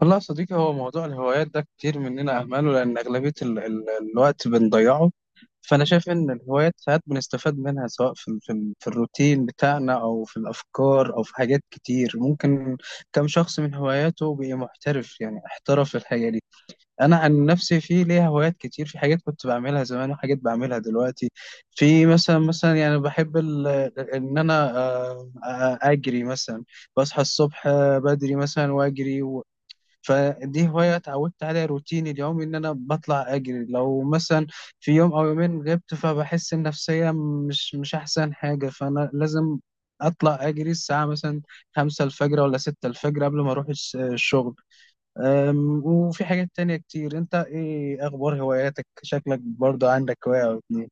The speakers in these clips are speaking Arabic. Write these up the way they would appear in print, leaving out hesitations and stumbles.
والله يا صديقي، هو موضوع الهوايات ده كتير مننا أهمله لأن أغلبية ال ال الوقت بنضيعه. فأنا شايف إن الهوايات ساعات بنستفاد منها، سواء في الروتين بتاعنا أو في الأفكار أو في حاجات كتير. ممكن كم شخص من هواياته بقي محترف، يعني احترف في الحاجة دي. أنا عن نفسي في ليا هوايات كتير، في حاجات كنت بعملها زمان وحاجات بعملها دلوقتي. في مثلا يعني بحب إن أنا أجري مثلا، بصحى الصبح بدري مثلا وأجري. فدي هواية اتعودت عليها، روتيني اليومي إن أنا بطلع أجري. لو مثلا في يوم أو يومين غبت فبحس النفسية مش أحسن حاجة، فأنا لازم أطلع أجري الساعة مثلا 5 الفجر ولا 6 الفجر قبل ما أروح الشغل. وفي حاجات تانية كتير. أنت إيه أخبار هواياتك؟ شكلك برضو عندك هواية أو اتنين؟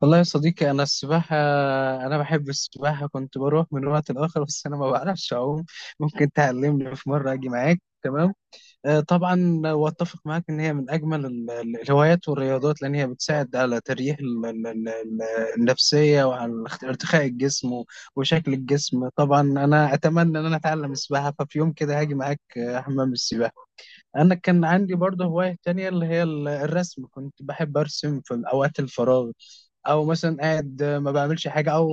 والله يا صديقي، أنا بحب السباحة، كنت بروح من وقت لآخر بس أنا ما بعرفش أعوم. ممكن تعلمني في مرة أجي معاك؟ تمام. طبعا، واتفق معاك ان هي من اجمل الهوايات والرياضات، لان هي بتساعد على تريح النفسيه وعلى ارتخاء الجسم وشكل الجسم. طبعا انا اتمنى ان انا اتعلم السباحه، ففي يوم كده هاجي معاك حمام السباحه. انا كان عندي برضه هوايه تانية اللي هي الرسم، كنت بحب ارسم في اوقات الفراغ، او مثلا قاعد ما بعملش حاجه، او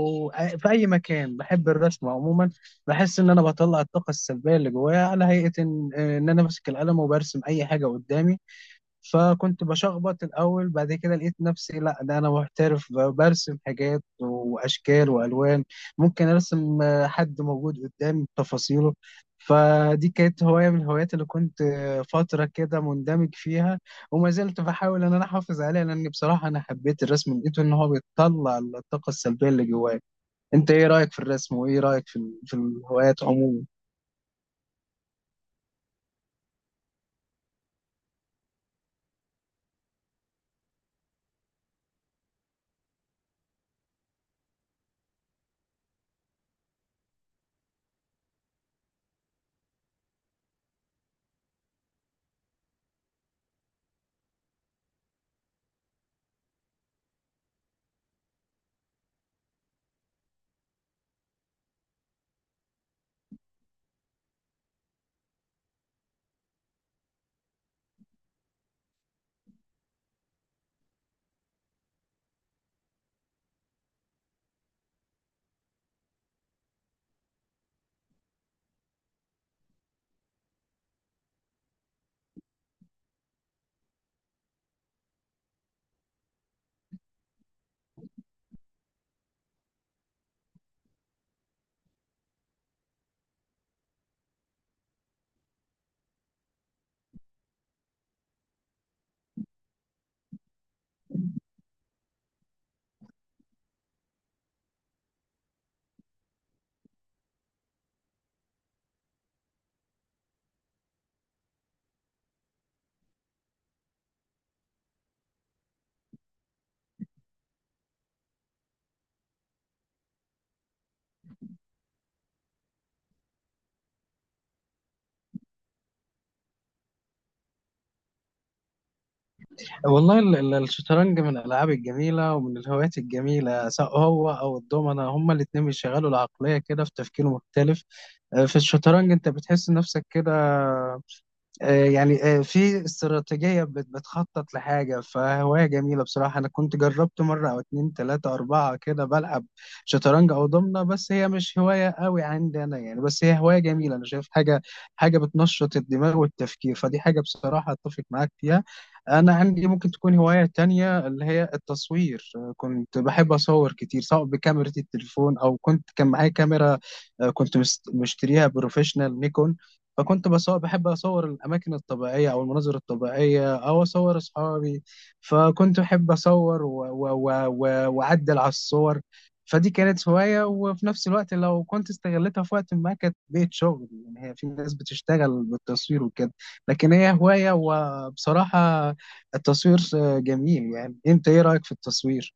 في اي مكان بحب الرسم عموما. بحس ان انا بطلع الطاقه السلبيه اللي جوايا على هيئه ان انا ماسك القلم وبرسم اي حاجه قدامي. فكنت بشخبط الأول، بعد كده لقيت نفسي لا ده أنا محترف برسم حاجات وأشكال وألوان. ممكن أرسم حد موجود قدامي بتفاصيله. فدي كانت هواية من الهوايات اللي كنت فترة كده مندمج فيها، وما زلت بحاول إن أنا أحافظ عليها لأن بصراحة أنا حبيت الرسم، لقيته إن هو بيطلع الطاقة السلبية اللي جوايا. أنت إيه رأيك في الرسم، وإيه رأيك في الهوايات عموما؟ والله الشطرنج من الألعاب الجميلة ومن الهوايات الجميلة، سواء هو أو الدومنة، هما الاتنين بيشغلوا العقلية كده في تفكير مختلف. في الشطرنج أنت بتحس نفسك كده، يعني في استراتيجية بتخطط لحاجة. فهواية جميلة بصراحة، أنا كنت جربت مرة أو اتنين تلاتة أربعة كده بلعب شطرنج أو ضمنة، بس هي مش هواية قوي عندي أنا يعني. بس هي هواية جميلة، أنا شايف حاجة بتنشط الدماغ والتفكير. فدي حاجة بصراحة أتفق معاك فيها. أنا عندي ممكن تكون هواية تانية اللي هي التصوير. كنت بحب أصور كتير، سواء بكاميرا التليفون أو كان معايا كاميرا. كنت مشتريها بروفيشنال نيكون. فكنت بصور، بحب أصور الأماكن الطبيعية أو المناظر الطبيعية أو أصور أصحابي، فكنت أحب أصور وأعدل على الصور. فدي كانت هواية، وفي نفس الوقت لو كنت استغلتها في وقت ما كانت بقت شغل يعني، هي في ناس بتشتغل بالتصوير وكده. لكن هي هواية، وبصراحة التصوير جميل يعني. أنت إيه رأيك في التصوير؟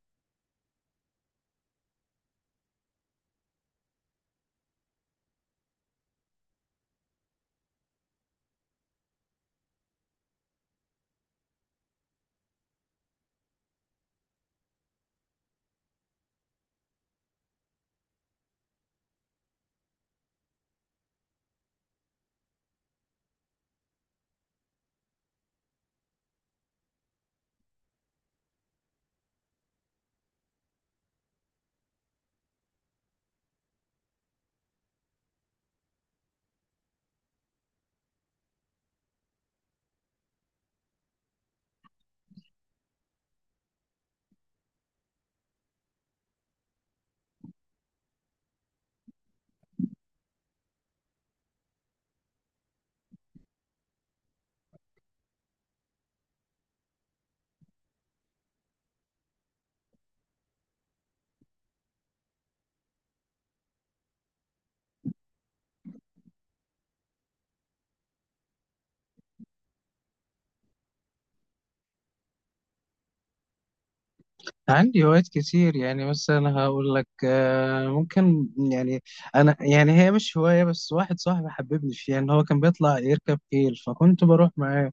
عندي هوايات كتير. يعني مثلا هقول لك ممكن يعني، انا يعني هي مش هواية، بس واحد صاحبي حببني فيها، ان هو كان بيطلع يركب خيل فكنت بروح معاه.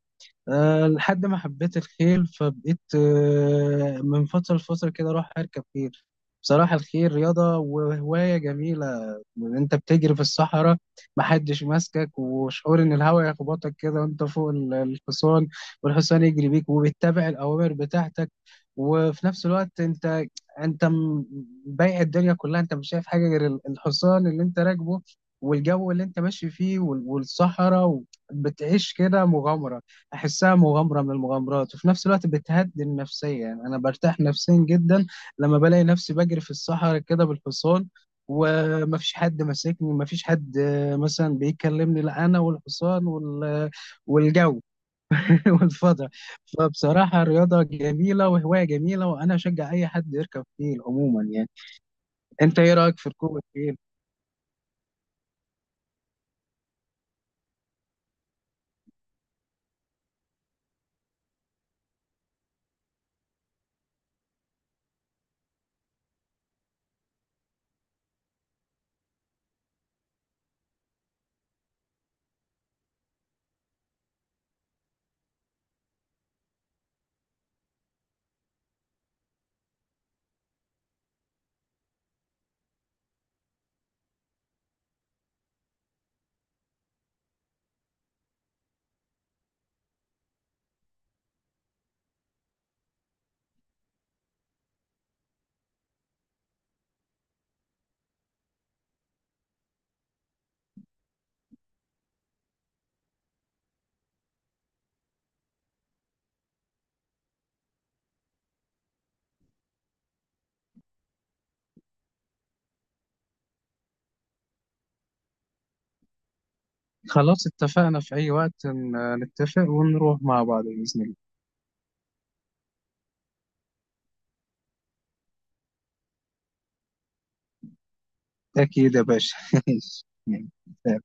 لحد ما حبيت الخيل، فبقيت من فترة لفترة كده اروح اركب خيل. بصراحة الخيل رياضة وهواية جميلة، وان انت بتجري في الصحراء، محدش ماسكك، وشعور ان الهواء يخبطك كده وانت فوق الحصان، والحصان يجري بيك وبيتبع الاوامر بتاعتك، وفي نفس الوقت انت انت م- بايع الدنيا كلها، انت مش شايف حاجه غير الحصان اللي انت راكبه، والجو اللي انت ماشي فيه والصحراء، بتعيش كده مغامره، احسها مغامره من المغامرات، وفي نفس الوقت بتهدي النفسيه يعني. انا برتاح نفسيا جدا لما بلاقي نفسي بجري في الصحراء كده بالحصان، وما فيش حد ماسكني، ما فيش حد مثلا بيكلمني، لا انا والحصان والجو والفضاء. فبصراحة رياضة جميلة وهواية جميلة، وانا اشجع اي حد يركب خيل عموما يعني. انت ايه رأيك في ركوب الخيل؟ خلاص اتفقنا، في اي وقت نتفق ونروح مع بعض بإذن الله. اكيد يا باشا. ماشي.